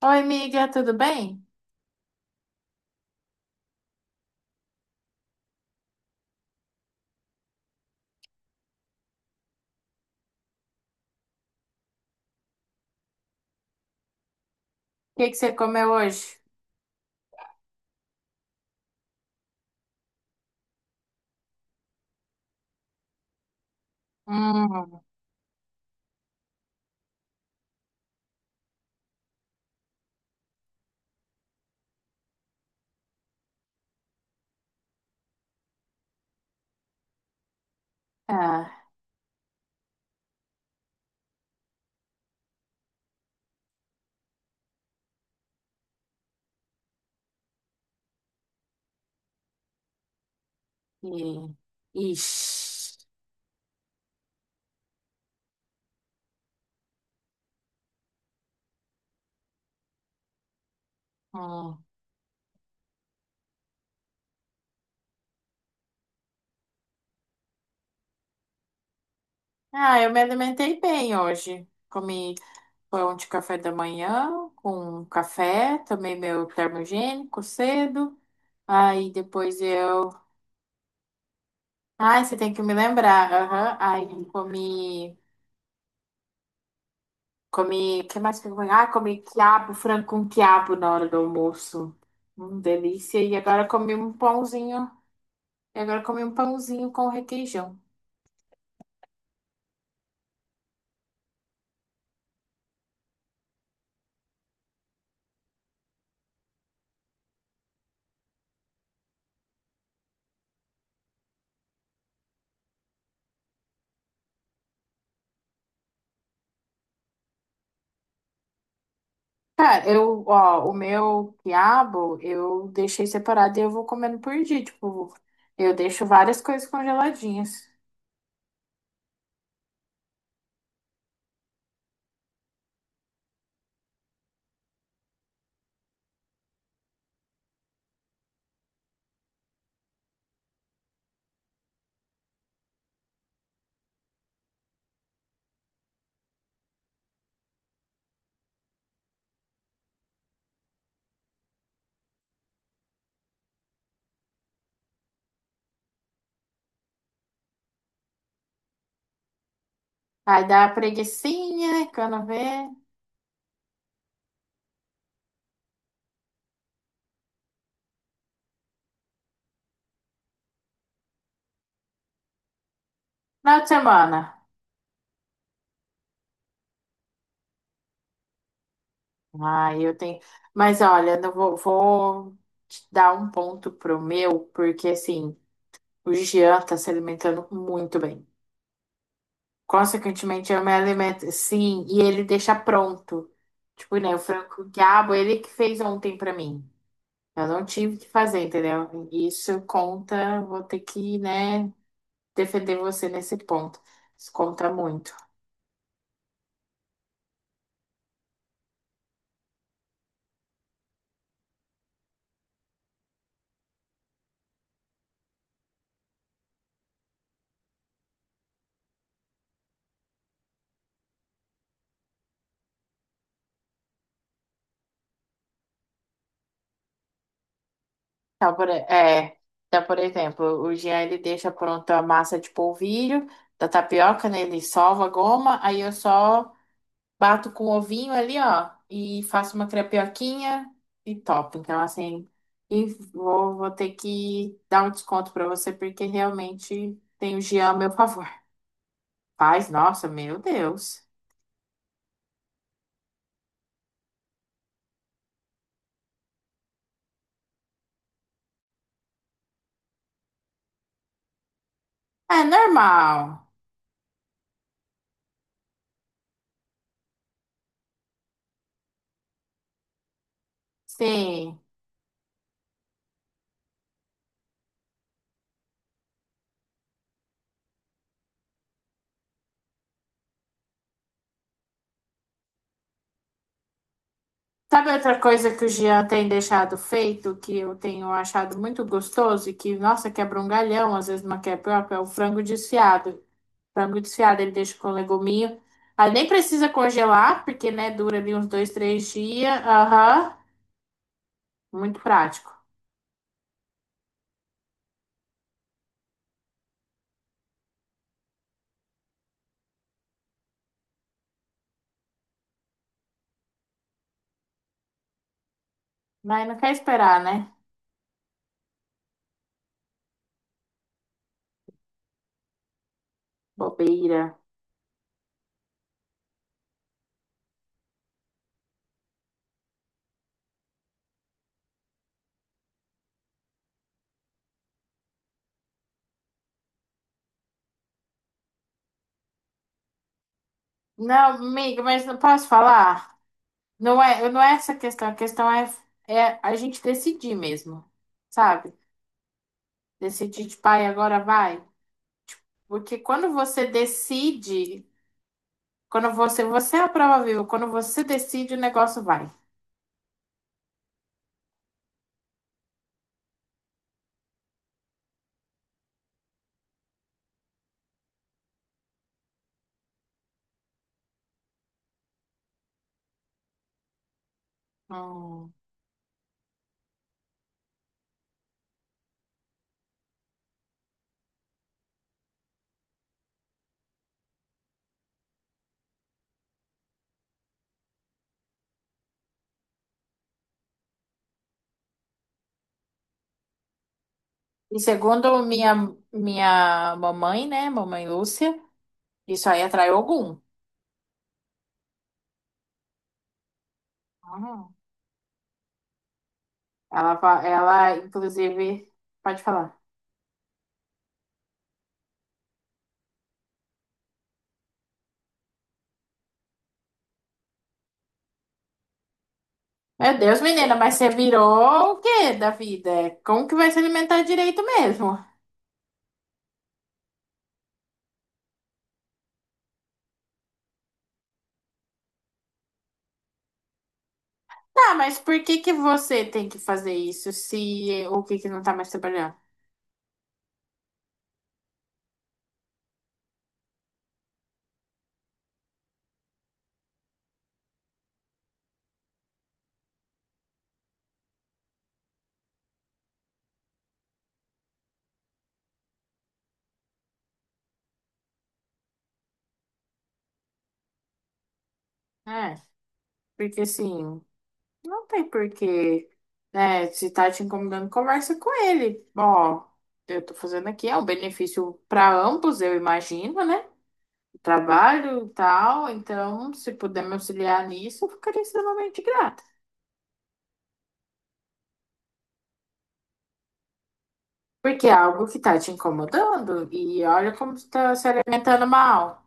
Oi, amiga, tudo bem? O que que você comeu hoje? Hum, ah, e, ixi, hum. Ah, eu me alimentei bem hoje. Comi pão de café da manhã com café, tomei meu termogênico cedo. Aí depois eu. Ai, você tem que me lembrar. Aham. Aí Comi. Que mais que eu comi? Ah, comi quiabo, frango com quiabo na hora do almoço. Delícia. E agora comi um pãozinho. E agora comi um pãozinho com requeijão. Cara, eu, ó, o meu quiabo eu deixei separado e eu vou comendo por dia. Tipo, eu deixo várias coisas congeladinhas. Aí dá uma preguicinha, quando vê. Final de semana. Aí eu tenho. Mas olha, não vou, vou te dar um ponto pro meu, porque assim, o Jean tá se alimentando muito bem. Consequentemente, eu me alimento. Sim, e ele deixa pronto. Tipo, né, o frango com quiabo, ele que fez ontem pra mim. Eu não tive que fazer, entendeu? Isso conta, vou ter que, né, defender você nesse ponto. Isso conta muito. Então, por, é, então, por exemplo, o Jean, ele deixa pronto a massa de polvilho, da tapioca, né, ele sova a goma, aí eu só bato com ovinho ali, ó, e faço uma crepioquinha e topo. Então, assim, e vou ter que dar um desconto pra você, porque realmente tem o Jean a meu favor. Faz, nossa, meu Deus. É normal. Sim. Sabe outra coisa que o Jean tem deixado feito, que eu tenho achado muito gostoso e que, nossa, quebra um galhão, às vezes uma crepioca, é o frango desfiado. Frango desfiado, ele deixa com leguminho. Aí nem precisa congelar, porque, né, dura ali uns dois, três dias. Aham. Muito prático. Mas não quer esperar, né? Bobeira. Não, amiga, mas não posso falar? Não é, não é essa a questão. A questão é, é a gente decidir mesmo, sabe? Decidir de pai, agora vai. Porque quando você decide, quando você, você é a prova viva, quando você decide, o negócio vai. Hum. E segundo minha mamãe, né, mamãe Lúcia, isso aí atrai Ogum. Uhum. Ela, inclusive, pode falar. Meu Deus, menina, mas você virou o quê da vida? Como que vai se alimentar direito mesmo? Tá, mas por que que você tem que fazer isso se o que que não tá mais trabalhando? É, porque sim. Não tem porquê, né? Se tá te incomodando, conversa com ele. Ó, eu tô fazendo aqui, é um benefício para ambos, eu imagino, né? Trabalho e tal, então, se puder me auxiliar nisso, eu ficaria extremamente grata. Porque é algo que tá te incomodando e olha como você tá se alimentando mal.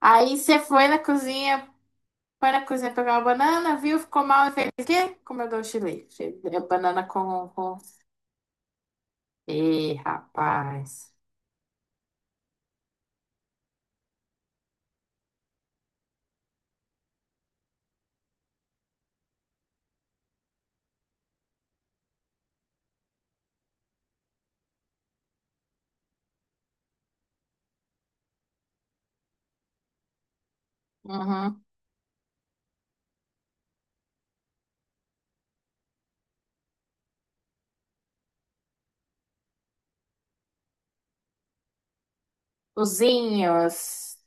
Aí você foi na cozinha pegar uma banana, viu? Ficou mal e fez o quê? Comeu doce de leite. É banana com... Ih, rapaz. Uhum. Cozinhos.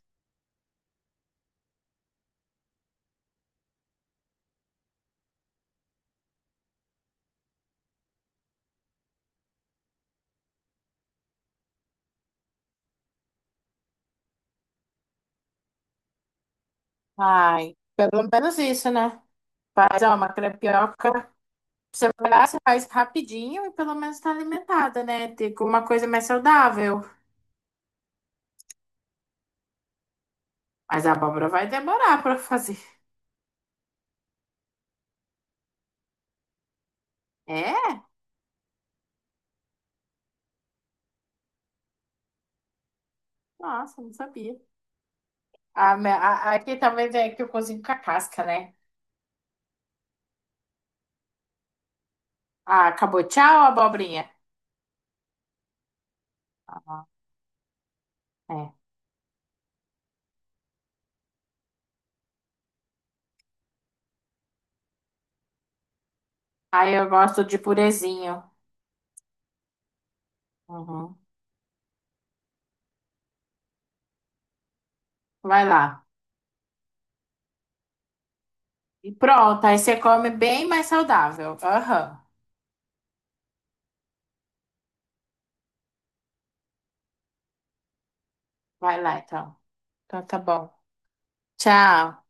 Ai, pelo menos isso, né? Faz ó, uma crepioca. Você vai lá, você faz rapidinho e pelo menos tá alimentada, né? Tem uma coisa mais saudável. Mas a abóbora vai demorar pra fazer. É? Nossa, não sabia. Aqui talvez é que eu cozinho com a casca, né? Ah, acabou. Tchau, abobrinha. Ah, é. Aí eu gosto de purezinho. Uhum. Vai lá. E pronto, aí você come bem mais saudável. Aham. Vai lá, então. Então tá bom. Tchau.